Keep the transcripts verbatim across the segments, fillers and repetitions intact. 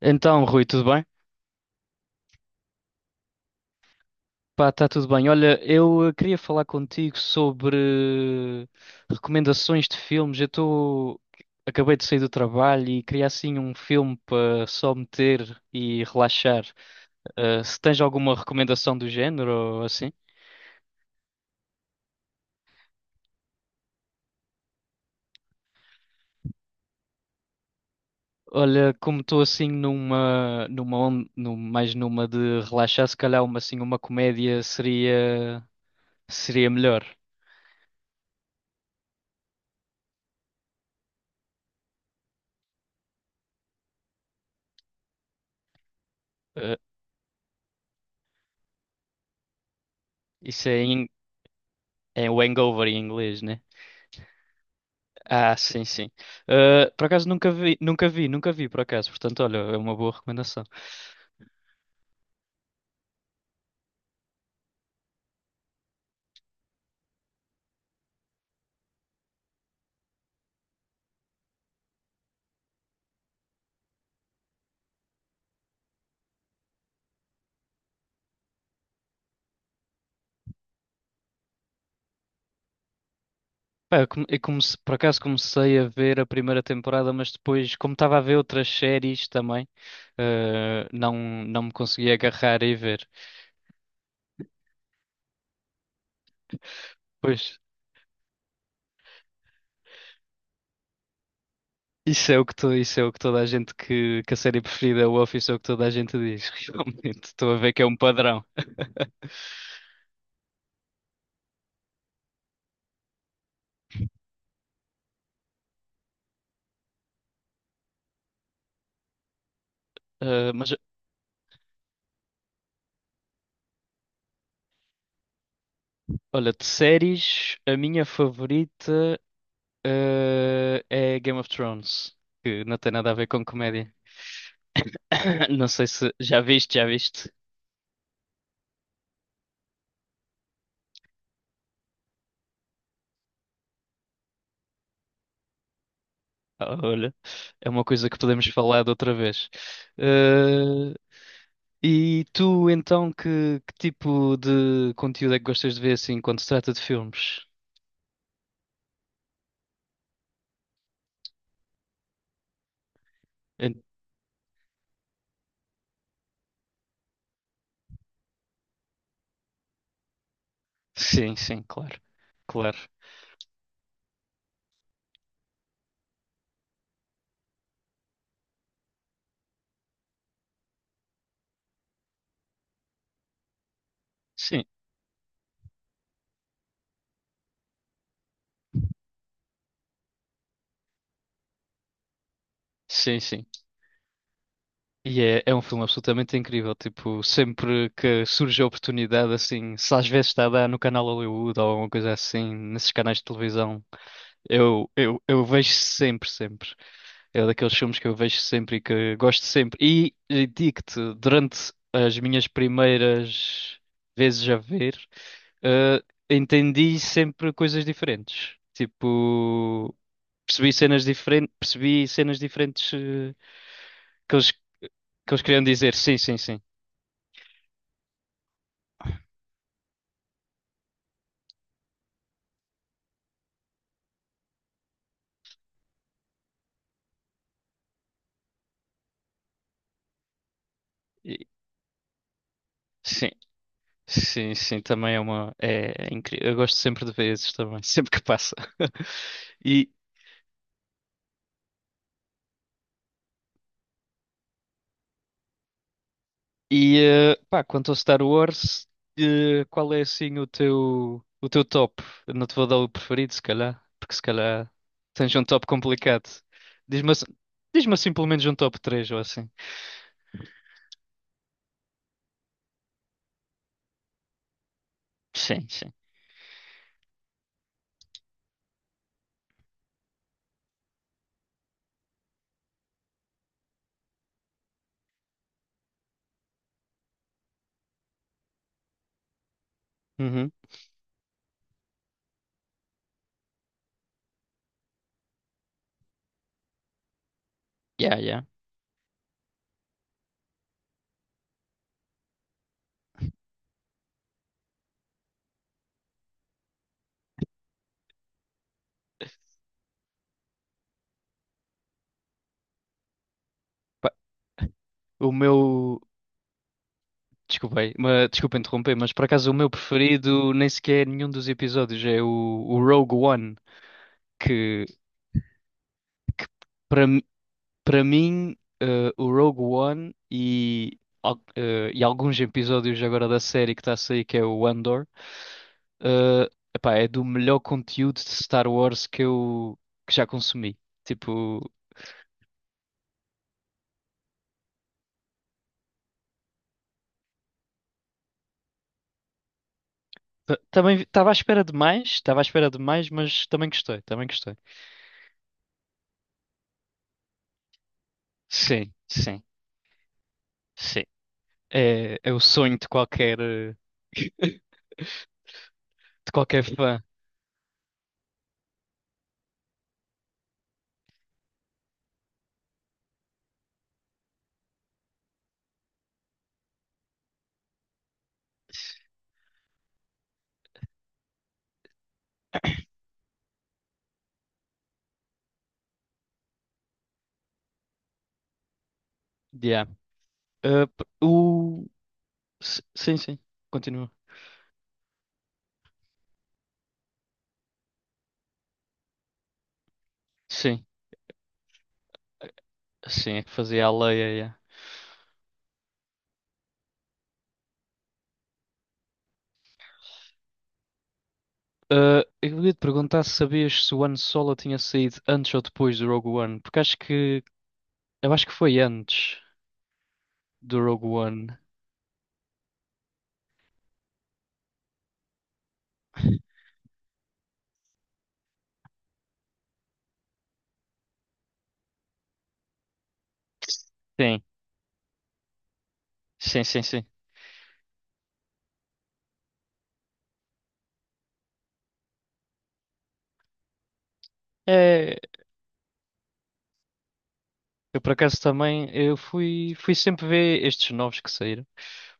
Então, Rui, tudo bem? Pá, está tudo bem. Olha, eu eh, queria falar contigo sobre eh, recomendações de filmes. Eu estou. Acabei de sair do trabalho e queria assim um filme para só meter e relaxar. Eh, se tens alguma recomendação do género ou assim? Olha, como estou assim numa, numa, on- num- mais numa de relaxar, se calhar uma assim uma comédia seria seria melhor. Eh, isso é, em, É o Hangover em inglês, né? Ah, sim, sim. Ah, por acaso nunca vi, nunca vi, nunca vi, por acaso. Portanto, olha, é uma boa recomendação. Pá, eu, come- eu comece- por acaso comecei a ver a primeira temporada, mas depois, como estava a ver outras séries também, ah, não, não me consegui agarrar e ver. Pois, isso é o que, to, isso é o que toda a gente que, que a série preferida é o Office, é o que toda a gente diz. Realmente, estou a ver que é um padrão. Ah, mas, olha, de séries, a minha favorita. Eh, é Game of Thrones, que não tem nada a ver com comédia. Não sei se já viste, já viste. Ah, olha, é uma coisa que podemos falar de outra vez. Eh, e tu, então, que, que tipo de conteúdo é que gostas de ver assim quando se trata de filmes? Eh, sim, sim, claro. Claro. Sim, sim, sim. E é, é um filme absolutamente incrível. Tipo, sempre que surge a oportunidade, assim, se às vezes está a dar no canal Hollywood ou alguma coisa assim, nesses canais de televisão, eu, eu, eu vejo sempre, sempre. É daqueles filmes que eu vejo sempre e que gosto sempre. E, e digo-te, durante as minhas primeiras vezes a ver, eh, entendi sempre coisas diferentes. Tipo, percebi cenas diferentes, percebi cenas diferentes, eh, que eles, que eles queriam dizer. Sim, sim, sim. E- sim, sim, sim, também é uma. É, incrível. Eu gosto sempre de ver esses também, sempre que passa. E, e eh, pá, quanto ao Star Wars, eh, qual é assim o teu, o teu top? Eu não te vou dar o preferido, se calhar, porque se calhar tens um top complicado. Diz-me assim, diz-me assim pelo menos um top três ou assim. Sim, sim. Uhum. Yeah, yeah. Pá, o meu. Desculpei, mas, desculpa interromper, mas por acaso o meu preferido nem sequer é nenhum dos episódios, é o, o Rogue One. Que, que Para, para mim, eh, o Rogue One e, al- eh, e alguns episódios agora da série que está a sair, que é o Andor, eh, epá, é do melhor conteúdo de Star Wars que eu que já consumi. Tipo, ta- também estava à espera de mais, estava à espera de mais, mas também gostei, também gostei. Sim, sim, sim. É, é o sonho de qualquer, eh, de qualquer fã. Yeah. Uh, p- o... s- Sim, sim. Continua. Sim, sim, é que fazia a lei. É, é. Ah, eu ia te perguntar se sabias se o Han Solo tinha saído antes ou depois do Rogue One, porque acho que eu acho que foi antes do Rogue One. Sim, sim, sim, sim. É, eu por acaso também eu fui, fui sempre ver estes novos que saíram.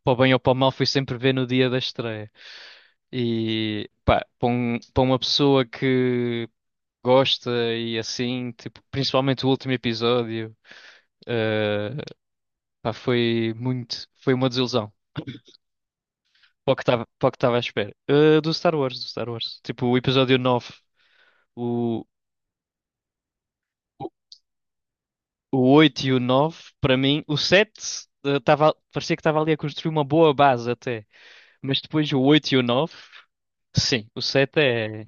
Para o bem ou para o mal, fui sempre ver no dia da estreia. E pá, para um- para uma pessoa que gosta e assim, tipo, principalmente o último episódio. ah, Pá, foi muito, foi uma desilusão. Para o que estava, para o que estava à espera. Ah, do Star Wars, do Star Wars. Tipo, o episódio nove, o, o, o oito e o nove. Para mim, o sete, ah, tava, parecia que estava ali a construir uma boa base até. Mas depois o oito e o nove, sim, o sete é.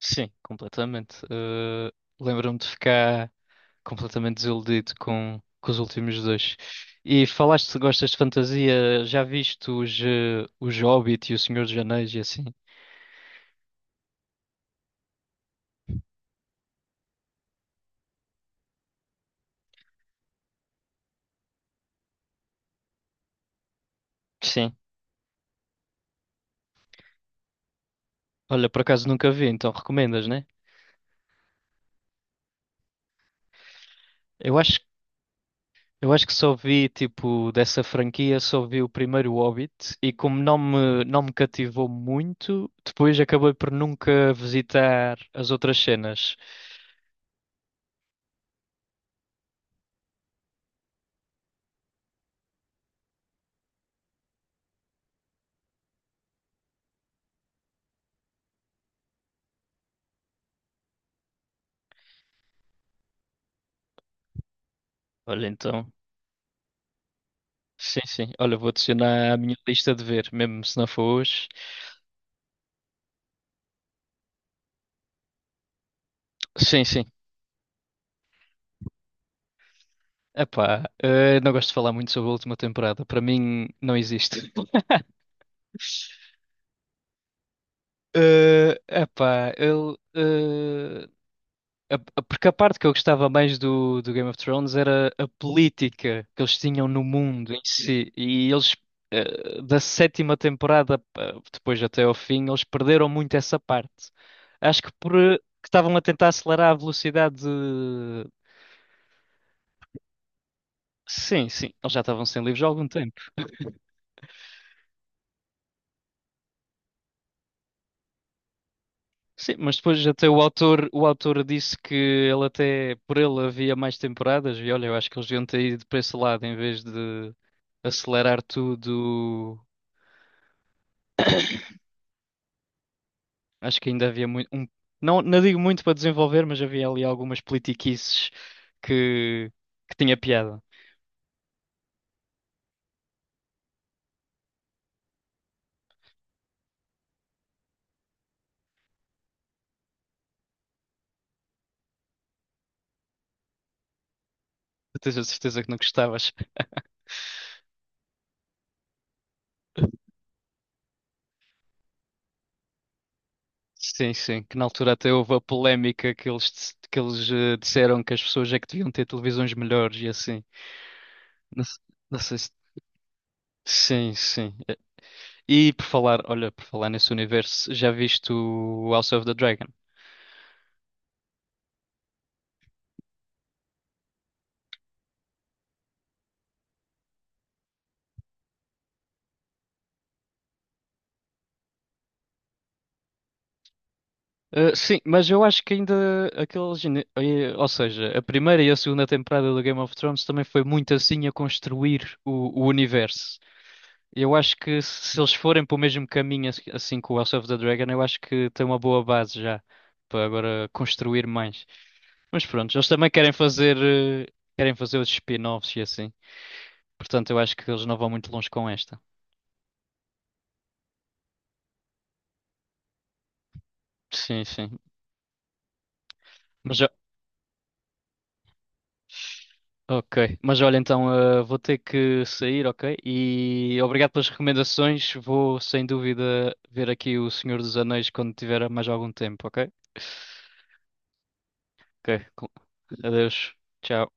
Sim, completamente. Ah, lembro-me de ficar completamente desiludido com, com os últimos dois. E falaste se gostas de fantasia, já viste os, eh, os Hobbit e o Senhor dos Anéis e assim? Sim. Olha, por acaso nunca vi, então recomendas, né? Eu acho, eu acho que só vi, tipo, dessa franquia, só vi o primeiro Hobbit e como não me, não me cativou muito, depois acabei por nunca visitar as outras cenas. Olha, então, sim, sim. Olha, vou adicionar à minha lista de ver, mesmo se não for hoje. Sim, sim. Epá, eh, não gosto de falar muito sobre a última temporada. Para mim, não existe. Eh, epá, ele a- a- Porque a parte que eu gostava mais do, do Game of Thrones era a política que eles tinham no mundo em si. E eles, eh, da sétima temporada, eh, depois até ao fim, eles perderam muito essa parte. Acho que por eh, que estavam a tentar acelerar a velocidade de- Sim, sim, eles já estavam sem livros há algum tempo. Sim, mas depois até o autor, o autor disse que ele até, por ele havia mais temporadas e olha, eu acho que eles deviam ter ido para esse lado em vez de acelerar tudo. Acho que ainda havia muito, um, não, não digo muito para desenvolver, mas havia ali algumas politiquices que, que tinha piada. Eu tenho a certeza que não gostavas. Sim, sim, que na altura até houve a polémica que eles, dis- que eles eh, disseram que as pessoas é que deviam ter televisões melhores e assim. Não, se- não sei se... Sim, sim. Eh, E por falar, olha, por falar nesse universo, já viste o House of the Dragon? Uh, sim, mas eu acho que ainda aqueles. ini- eh, Ou seja, a primeira e a segunda temporada do Game of Thrones também foi muito assim a construir o, o universo. Eu acho que se eles forem para o mesmo caminho ass- assim com o House of the Dragon, eu acho que tem uma boa base já para agora construir mais. Mas pronto, eles também querem fazer, eh, querem fazer os spin-offs e assim. Portanto, eu acho que eles não vão muito longe com esta. Sim, sim. Mas já. Ok, mas olha, então eh, vou ter que sair, ok? E obrigado pelas recomendações. Vou sem dúvida ver aqui o Senhor dos Anéis quando tiver mais algum tempo, ok? Ok, com- adeus. Tchau.